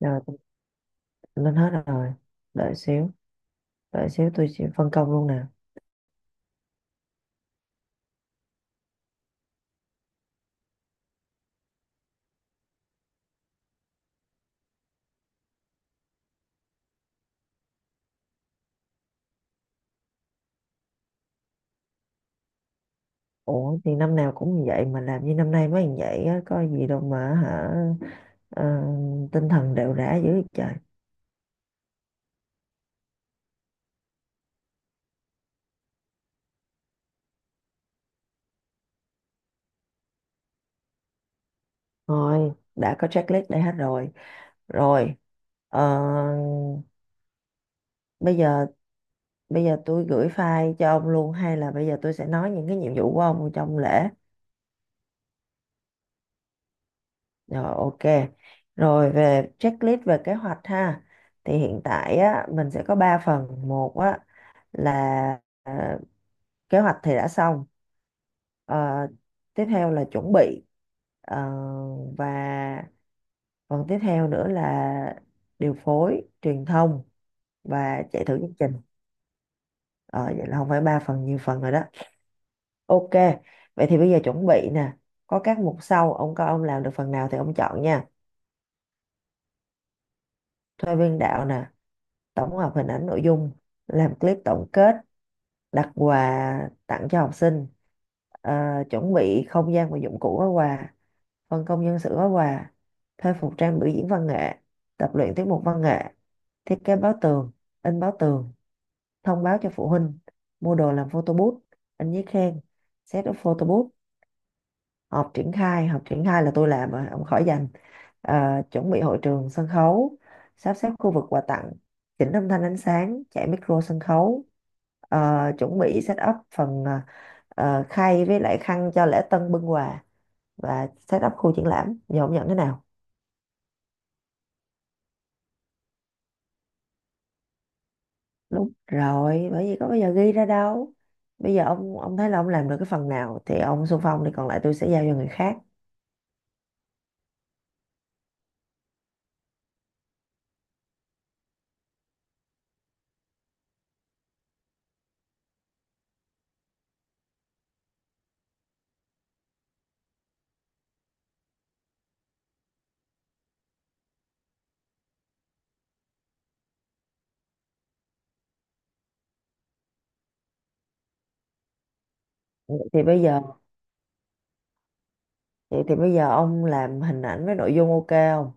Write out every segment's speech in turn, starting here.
Rồi, con lên hết rồi. Đợi xíu. Đợi xíu tôi sẽ phân công luôn nè. Ủa thì năm nào cũng như vậy mà làm như năm nay mới như vậy á, có gì đâu mà hả. ờ, Tinh thần đều rã dữ vậy trời. Thôi, đã có checklist đây hết rồi. Rồi, ờ, bây giờ bây giờ tôi gửi file cho ông luôn hay là bây giờ tôi sẽ nói những cái nhiệm vụ của ông trong lễ. Rồi ok. Rồi về checklist về kế hoạch ha. Thì hiện tại á, mình sẽ có 3 phần. Một á, là kế hoạch thì đã xong. Ờ, tiếp theo là chuẩn bị. Ờ, và phần tiếp theo nữa là điều phối truyền thông và chạy thử chương trình. Ờ, vậy là không phải ba phần, nhiều phần rồi đó. Ok, vậy thì bây giờ chuẩn bị nè, có các mục sau, ông coi ông làm được phần nào thì ông chọn nha. Thuê biên đạo nè, tổng hợp hình ảnh nội dung, làm clip tổng kết, đặt quà tặng cho học sinh, ờ, chuẩn bị không gian và dụng cụ gói quà, phân công nhân sự gói quà, thuê phục trang biểu diễn văn nghệ, tập luyện tiết mục văn nghệ, thiết kế báo tường, in báo tường, thông báo cho phụ huynh, mua đồ làm photo booth, in giấy khen, set up photo booth, họp triển khai là tôi làm rồi, ông khỏi dành. Ờ, chuẩn bị hội trường sân khấu, sắp xếp khu vực quà tặng, chỉnh âm thanh ánh sáng, chạy micro sân khấu, chuẩn bị set up phần khay với lại khăn cho lễ tân bưng quà và set up khu triển lãm. Giờ ông nhận thế nào? Đúng rồi, bởi vì có bây giờ ghi ra đâu. Bây giờ ông thấy là ông làm được cái phần nào thì ông xung phong, thì còn lại tôi sẽ giao cho người khác. thì bây giờ thì bây giờ ông làm hình ảnh với nội dung ok không?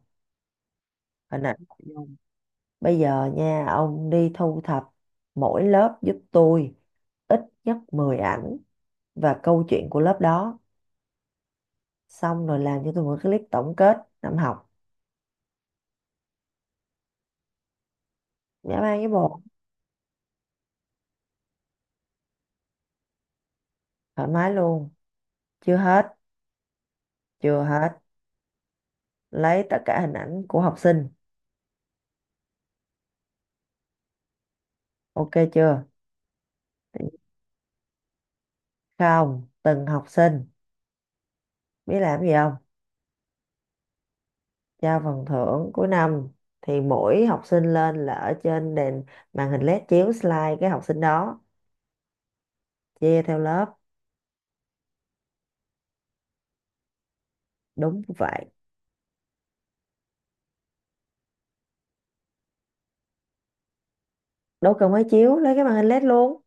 Hình ảnh nội dung. Bây giờ nha, ông đi thu thập mỗi lớp giúp tôi ít nhất 10 ảnh và câu chuyện của lớp đó, xong rồi làm cho tôi một clip tổng kết năm học. Dã man với bồ. Thoải mái luôn. Chưa hết. Chưa hết, lấy tất cả hình ảnh của học sinh, ok chưa? Không, từng học sinh. Biết làm gì không? Trao phần thưởng cuối năm thì mỗi học sinh lên là ở trên đèn, màn hình LED chiếu slide cái học sinh đó, chia theo lớp. Đúng vậy. Đâu cần máy chiếu, lấy cái màn hình LED luôn.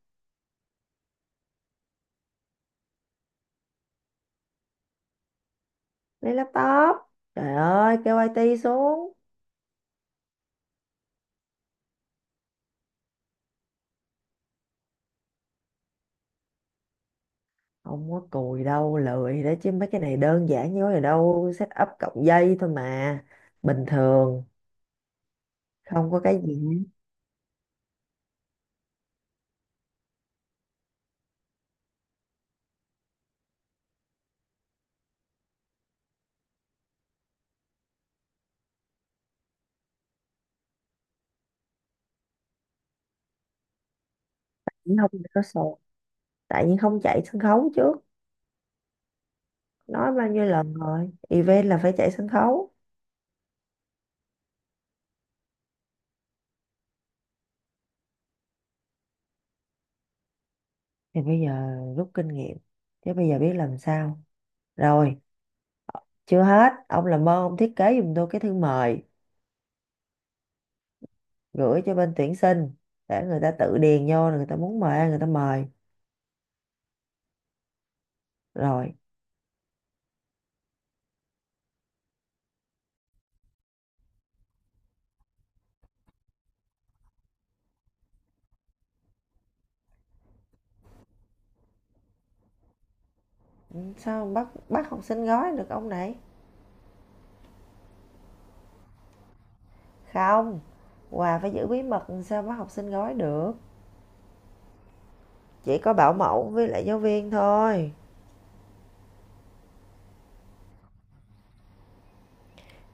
Lấy laptop. Trời ơi, kêu IT xuống. Không có cùi đâu, lười đó chứ, mấy cái này đơn giản, như vậy đâu, set up cộng dây thôi mà. Bình thường. Không có cái gì. Cũng không có số, tại nhiên không chạy sân khấu trước. Nói bao nhiêu lần rồi, event là phải chạy sân khấu. Thì bây giờ rút kinh nghiệm, chứ bây giờ biết làm sao. Rồi, chưa hết, ông làm ơn ông thiết kế giùm tôi cái thư mời, gửi cho bên tuyển sinh để người ta tự điền vô, người ta muốn mời ai người ta mời. Rồi. Ừ, sao ông bắt bắt học sinh gói được ông này. Không, quà phải giữ bí mật, làm sao bắt học sinh gói được. Chỉ có bảo mẫu với lại giáo viên thôi.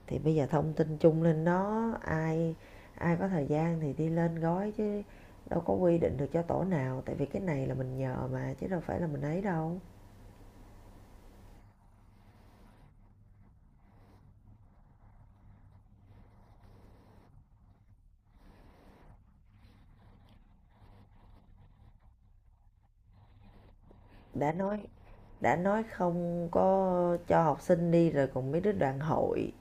Thì bây giờ thông tin chung lên đó, ai ai có thời gian thì đi lên gói chứ, đâu có quy định được cho tổ nào, tại vì cái này là mình nhờ mà, chứ đâu phải là mình ấy đâu. Đã nói, đã nói không có cho học sinh đi rồi, còn mấy đứa đoàn hội.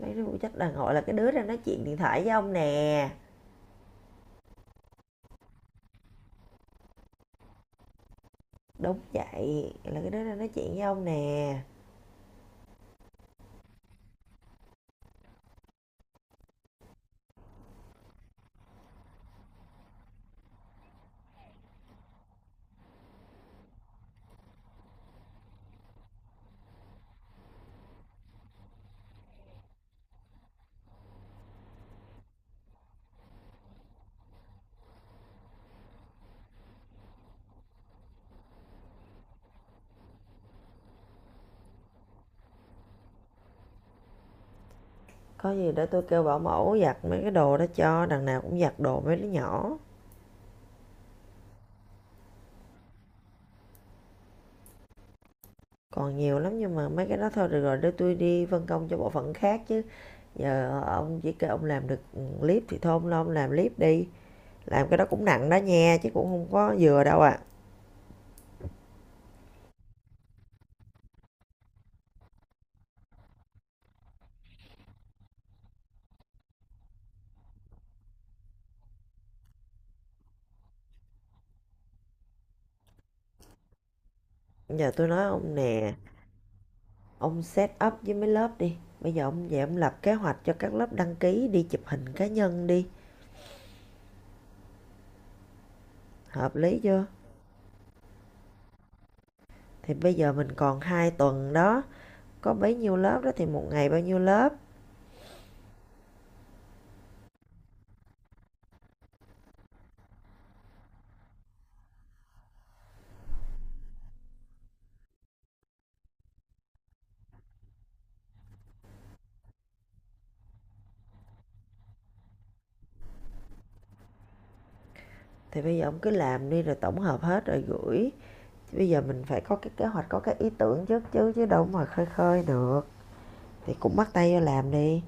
Mấy đứa phụ trách đoàn hội là cái đứa ra nói chuyện điện thoại với ông nè. Đúng vậy, là cái đứa ra nói chuyện với ông nè. Có gì để tôi kêu bảo mẫu giặt mấy cái đồ đó cho, đằng nào cũng giặt đồ mấy đứa nhỏ. Còn nhiều lắm nhưng mà mấy cái đó thôi được rồi, để tôi đi phân công cho bộ phận khác chứ. Giờ ông chỉ kêu ông làm được, ừ, clip thì thôi ông lo ông làm clip đi, làm cái đó cũng nặng đó nha chứ cũng không có vừa đâu ạ. À, giờ tôi nói ông nè, ông set up với mấy lớp đi, bây giờ ông về ông lập kế hoạch cho các lớp đăng ký đi chụp hình cá nhân đi, hợp lý chưa? Thì bây giờ mình còn 2 tuần đó, có bấy nhiêu lớp đó thì một ngày bao nhiêu lớp. Thì bây giờ ông cứ làm đi rồi tổng hợp hết rồi gửi. Bây giờ mình phải có cái kế hoạch, có cái ý tưởng trước chứ, chứ đâu mà khơi khơi được. Thì cũng bắt tay vô làm đi.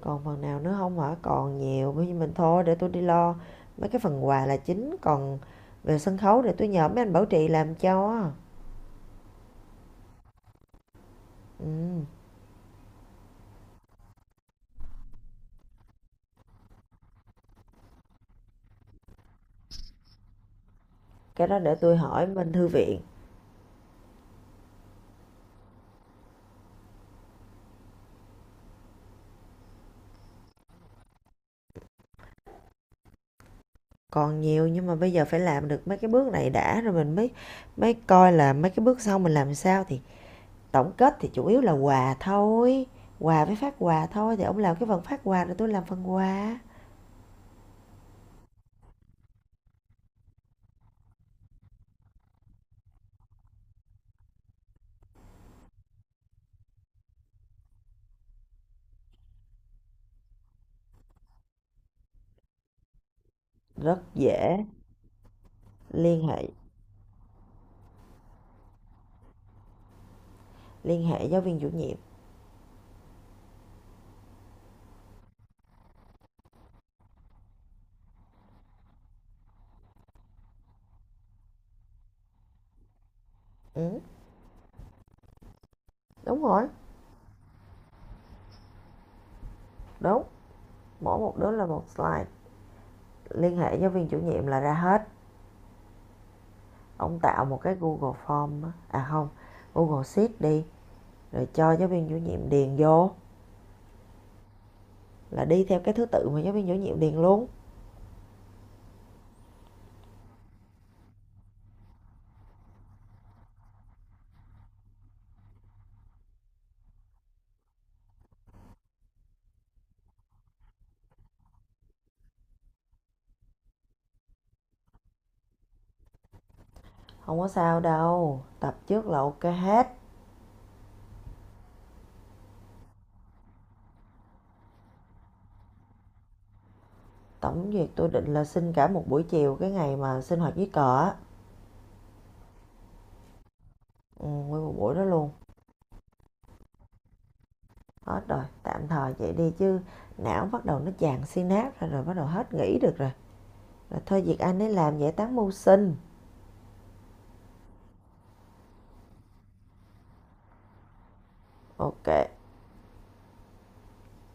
Còn phần nào nữa không hả? Còn nhiều, bây giờ mình thôi để tôi đi lo mấy cái phần quà là chính, còn về sân khấu để tôi nhờ mấy anh bảo trì làm cho. Ừ. Cái đó để tôi hỏi bên thư viện. Còn nhiều nhưng mà bây giờ phải làm được mấy cái bước này đã, rồi mình mới mới coi là mấy cái bước sau mình làm sao. Thì tổng kết thì chủ yếu là quà thôi, quà với phát quà thôi, thì ông làm cái phần phát quà rồi tôi làm phần quà. Rất dễ. Liên hệ. Liên hệ giáo viên chủ nhiệm. Ừ, đúng rồi. Đúng. Mỗi một đứa là một slide. Liên hệ giáo viên chủ nhiệm là ra hết. Ông tạo một cái Google Form á. À không, Google Sheet đi, rồi cho giáo viên chủ nhiệm điền vô, là đi theo cái thứ tự mà giáo viên chủ nhiệm điền luôn. Không có sao đâu, tập trước là ok hết. Tổng duyệt tôi định là xin cả một buổi chiều cái ngày mà sinh hoạt dưới cờ á. Ừ, nguyên một buổi đó luôn. Hết rồi, tạm thời vậy đi chứ, não bắt đầu nó chàng synapse rồi, rồi bắt đầu hết nghĩ được rồi. Rồi thôi, việc anh ấy làm, giải tán mưu sinh. Ok.